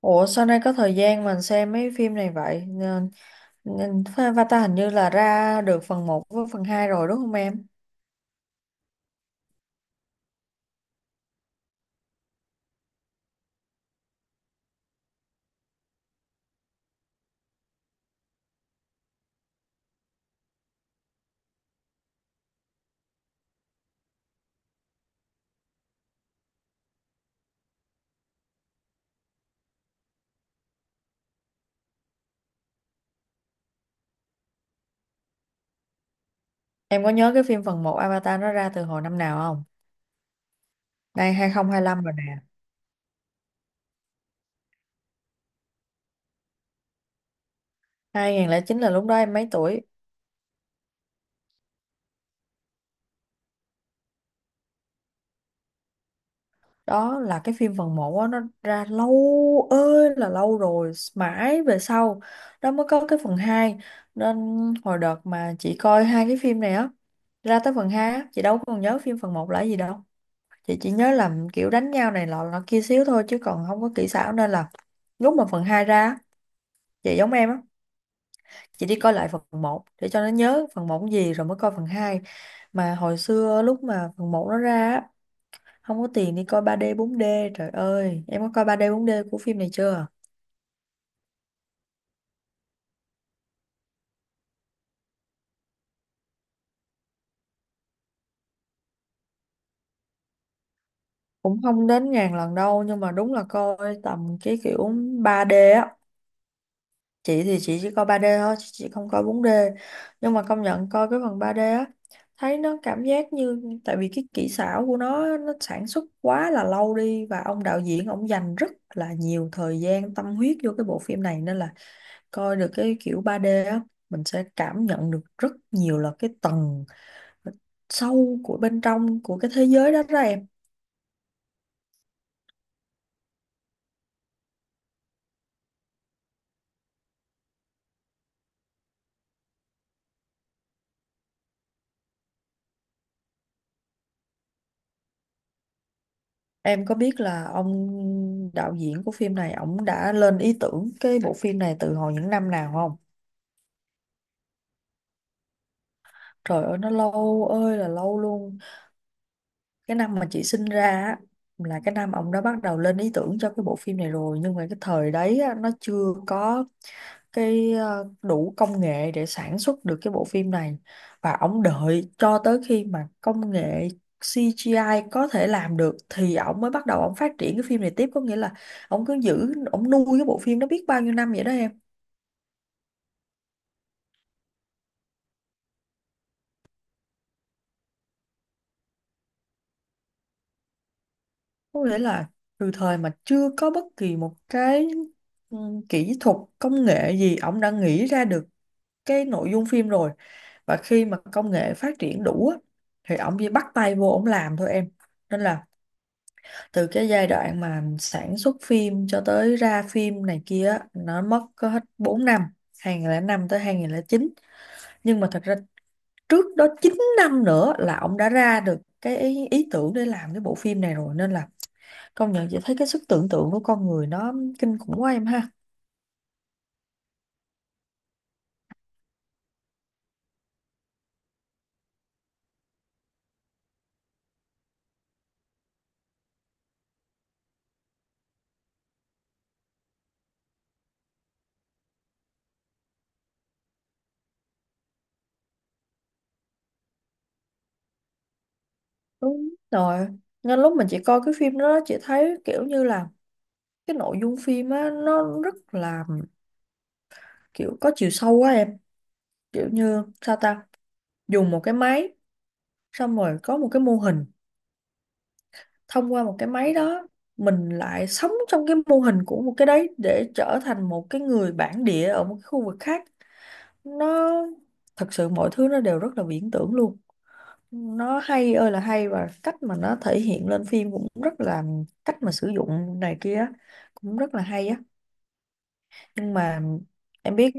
Ủa sao nay có thời gian mình xem mấy phim này vậy? Nên Avatar hình như là ra được phần một với phần 2 rồi đúng không em? Em có nhớ cái phim phần một Avatar nó ra từ hồi năm nào không? Đây 2025 rồi nè. 2009 là lúc đó em mấy tuổi? Đó là cái phim phần một á, nó ra lâu ơi là lâu rồi, mãi về sau đó mới có cái phần hai. Nên hồi đợt mà chị coi hai cái phim này á, ra tới phần 2 á, chị đâu còn nhớ phim phần một là gì đâu. Chị chỉ nhớ là kiểu đánh nhau này lọ lọ kia xíu thôi chứ còn không có kỹ xảo, nên là lúc mà phần 2 ra á, chị giống em á, chị đi coi lại phần một để cho nó nhớ phần 1 gì rồi mới coi phần hai. Mà hồi xưa lúc mà phần 1 nó ra á, không có tiền đi coi 3D 4D. Trời ơi em có coi 3D 4D của phim này chưa? Cũng không đến ngàn lần đâu, nhưng mà đúng là coi tầm cái kiểu 3D á, chị thì chị chỉ coi ba d thôi, chị không coi bốn d. Nhưng mà công nhận coi cái phần ba d á, thấy nó cảm giác như tại vì cái kỹ xảo của nó sản xuất quá là lâu đi và ông đạo diễn ông dành rất là nhiều thời gian tâm huyết vô cái bộ phim này, nên là coi được cái kiểu ba d á, mình sẽ cảm nhận được rất nhiều là cái tầng sâu của bên trong của cái thế giới đó đó em. Em có biết là ông đạo diễn của phim này ông đã lên ý tưởng cái bộ phim này từ hồi những năm nào không? Trời ơi nó lâu ơi là lâu luôn. Cái năm mà chị sinh ra á, là cái năm ông đã bắt đầu lên ý tưởng cho cái bộ phim này rồi. Nhưng mà cái thời đấy á, nó chưa có cái đủ công nghệ để sản xuất được cái bộ phim này. Và ông đợi cho tới khi mà công nghệ CGI có thể làm được, thì ông mới bắt đầu ông phát triển cái phim này tiếp. Có nghĩa là ông cứ giữ, ông nuôi cái bộ phim nó biết bao nhiêu năm vậy đó em. Có nghĩa là từ thời mà chưa có bất kỳ một cái ừ, kỹ thuật công nghệ gì ông đã nghĩ ra được cái nội dung phim rồi, và khi mà công nghệ phát triển đủ á, thì ông chỉ bắt tay vô ông làm thôi em. Nên là từ cái giai đoạn mà sản xuất phim cho tới ra phim này kia á, nó mất có hết 4 năm, 2005 tới 2009. Nhưng mà thật ra trước đó 9 năm nữa là ông đã ra được cái ý tưởng để làm cái bộ phim này rồi, nên là công nhận chị thấy cái sức tưởng tượng của con người nó kinh khủng quá em ha. Đúng rồi, nên lúc mình chỉ coi cái phim đó, chị thấy kiểu như là cái nội dung phim á nó rất là kiểu có chiều sâu quá em. Kiểu như sao ta, dùng một cái máy, xong rồi có một cái mô hình, thông qua một cái máy đó mình lại sống trong cái mô hình của một cái đấy để trở thành một cái người bản địa ở một cái khu vực khác. Nó thật sự mọi thứ nó đều rất là viễn tưởng luôn, nó hay ơi là hay, và cách mà nó thể hiện lên phim cũng rất là cách mà sử dụng này kia á, cũng rất là hay á. Nhưng mà em biết,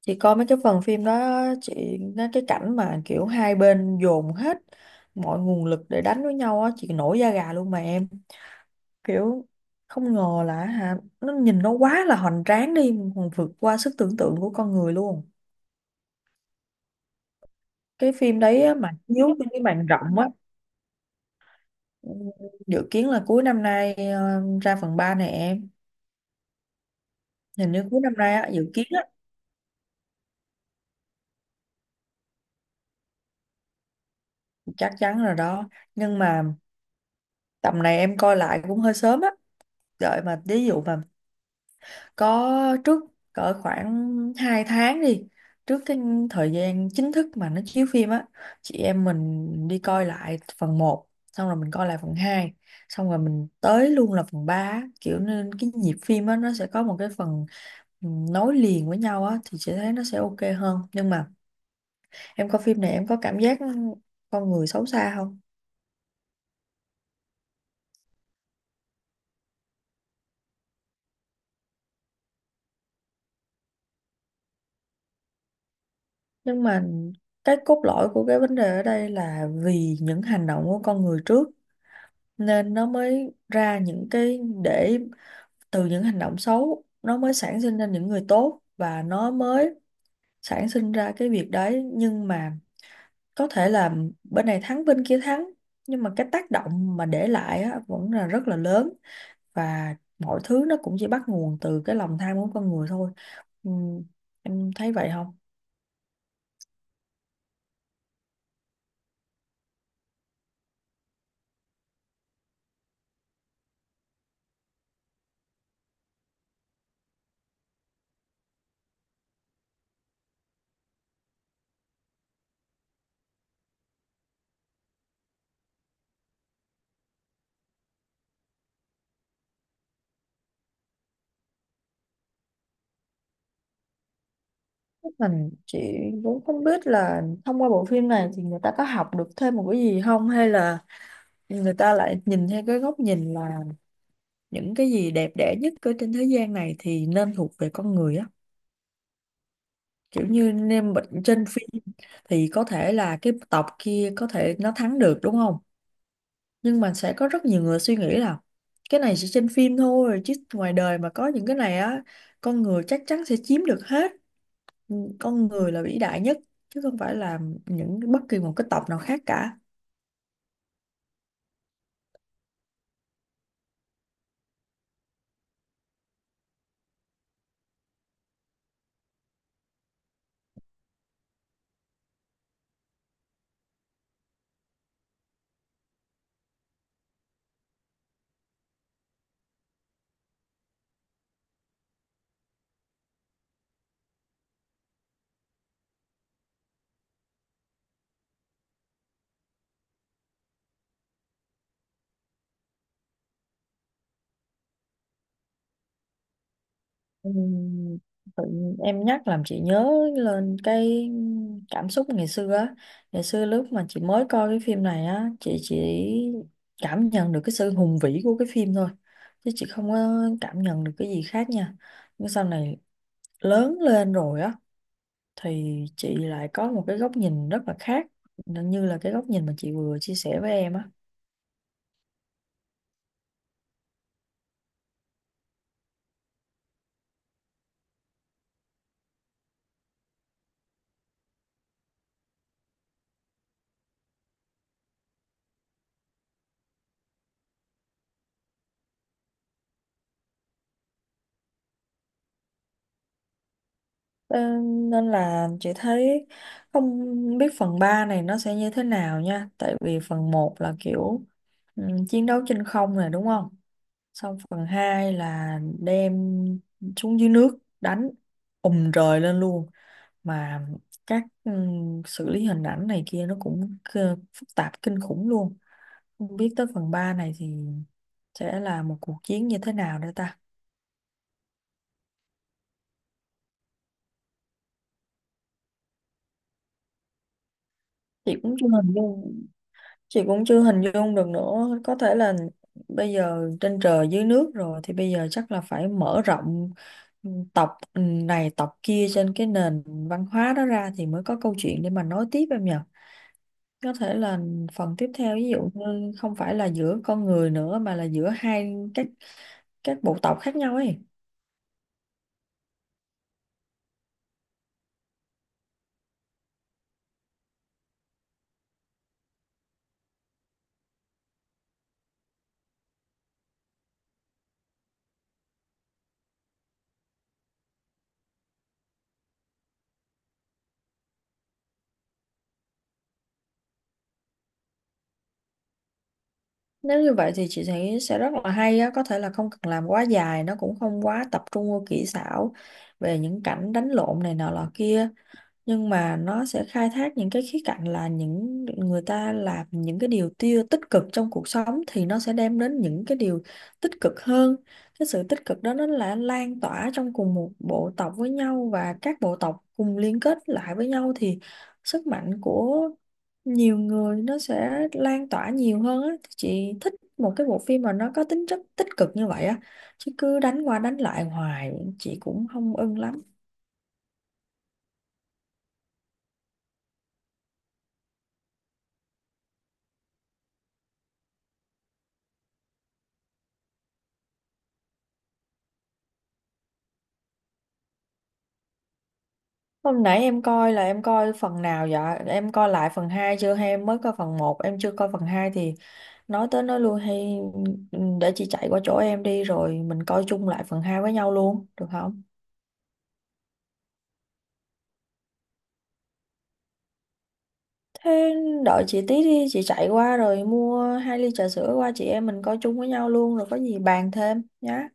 chị coi mấy cái phần phim đó chị, nó cái cảnh mà kiểu hai bên dồn hết mọi nguồn lực để đánh với nhau á, chị nổi da gà luôn mà em, kiểu không ngờ là hả, nó nhìn nó quá là hoành tráng đi, còn vượt qua sức tưởng tượng của con người luôn. Cái phim đấy á, mà chiếu trên cái màn rộng á. Ừ, dự kiến là cuối năm nay ra phần 3 này em. Hình như cuối năm nay á, dự kiến á. Chắc chắn rồi đó. Nhưng mà tầm này em coi lại cũng hơi sớm á, đợi mà ví dụ mà có trước cỡ khoảng 2 tháng đi, trước cái thời gian chính thức mà nó chiếu phim á, chị em mình đi coi lại phần một, xong rồi mình coi lại phần hai, xong rồi mình tới luôn là phần 3 á. Kiểu nên cái nhịp phim á nó sẽ có một cái phần nối liền với nhau á, thì chị thấy nó sẽ ok hơn. Nhưng mà em coi phim này em có cảm giác con người xấu xa không? Nhưng mà cái cốt lõi của cái vấn đề ở đây là vì những hành động của con người trước, nên nó mới ra những cái để từ những hành động xấu nó mới sản sinh ra những người tốt, và nó mới sản sinh ra cái việc đấy. Nhưng mà có thể là bên này thắng bên kia thắng, nhưng mà cái tác động mà để lại á, vẫn là rất là lớn, và mọi thứ nó cũng chỉ bắt nguồn từ cái lòng tham của con người thôi. Ừm, em thấy vậy không? Mình chị cũng không biết là thông qua bộ phim này thì người ta có học được thêm một cái gì không, hay là người ta lại nhìn theo cái góc nhìn là những cái gì đẹp đẽ nhất ở trên thế gian này thì nên thuộc về con người á, kiểu như nên bệnh trên phim thì có thể là cái tộc kia có thể nó thắng được đúng không, nhưng mà sẽ có rất nhiều người suy nghĩ là cái này chỉ trên phim thôi, chứ ngoài đời mà có những cái này á, con người chắc chắn sẽ chiếm được hết. Ừ, con người là vĩ đại nhất, chứ không phải là những bất kỳ một cái tộc nào khác cả. Ừm, tự nhiên em nhắc làm chị nhớ lên cái cảm xúc ngày xưa á. Ngày xưa lúc mà chị mới coi cái phim này á, chị chỉ cảm nhận được cái sự hùng vĩ của cái phim thôi, chứ chị không có cảm nhận được cái gì khác nha. Nhưng sau này lớn lên rồi á, thì chị lại có một cái góc nhìn rất là khác, như là cái góc nhìn mà chị vừa chia sẻ với em á. Ờ, nên là chị thấy không biết phần 3 này nó sẽ như thế nào nha, tại vì phần một là kiểu, ừ, chiến đấu trên không nè đúng không? Xong phần 2 là đem xuống dưới nước đánh, ùm rời lên luôn, mà các xử lý hình ảnh này kia nó cũng phức tạp kinh khủng luôn. Không biết tới phần 3 này thì sẽ là một cuộc chiến như thế nào nữa ta. Chị cũng chưa hình dung, chị cũng chưa hình dung được nữa, có thể là bây giờ trên trời dưới nước rồi thì bây giờ chắc là phải mở rộng tộc này tộc kia trên cái nền văn hóa đó ra thì mới có câu chuyện để mà nói tiếp em nhỉ. Có thể là phần tiếp theo ví dụ như không phải là giữa con người nữa mà là giữa hai các bộ tộc khác nhau ấy. Nếu như vậy thì chị thấy sẽ rất là hay á, có thể là không cần làm quá dài, nó cũng không quá tập trung vô kỹ xảo về những cảnh đánh lộn này nọ lọ kia, nhưng mà nó sẽ khai thác những cái khía cạnh là những người ta làm những cái điều tiêu tích cực trong cuộc sống, thì nó sẽ đem đến những cái điều tích cực hơn. Cái sự tích cực đó nó là lan tỏa trong cùng một bộ tộc với nhau và các bộ tộc cùng liên kết lại với nhau, thì sức mạnh của nhiều người nó sẽ lan tỏa nhiều hơn á. Chị thích một cái bộ phim mà nó có tính chất tích cực như vậy á, chứ cứ đánh qua đánh lại hoài chị cũng không ưng lắm. Hôm nãy em coi là em coi phần nào vậy? Em coi lại phần 2 chưa hay em mới coi phần một em chưa coi phần 2 thì nói tới nói lui hay, ừ, để chị chạy qua chỗ em đi rồi mình coi chung lại phần 2 với nhau luôn, được không? Thế đợi chị tí đi, chị chạy qua rồi mua hai ly trà sữa qua chị em mình coi chung với nhau luôn rồi có gì bàn thêm nhá.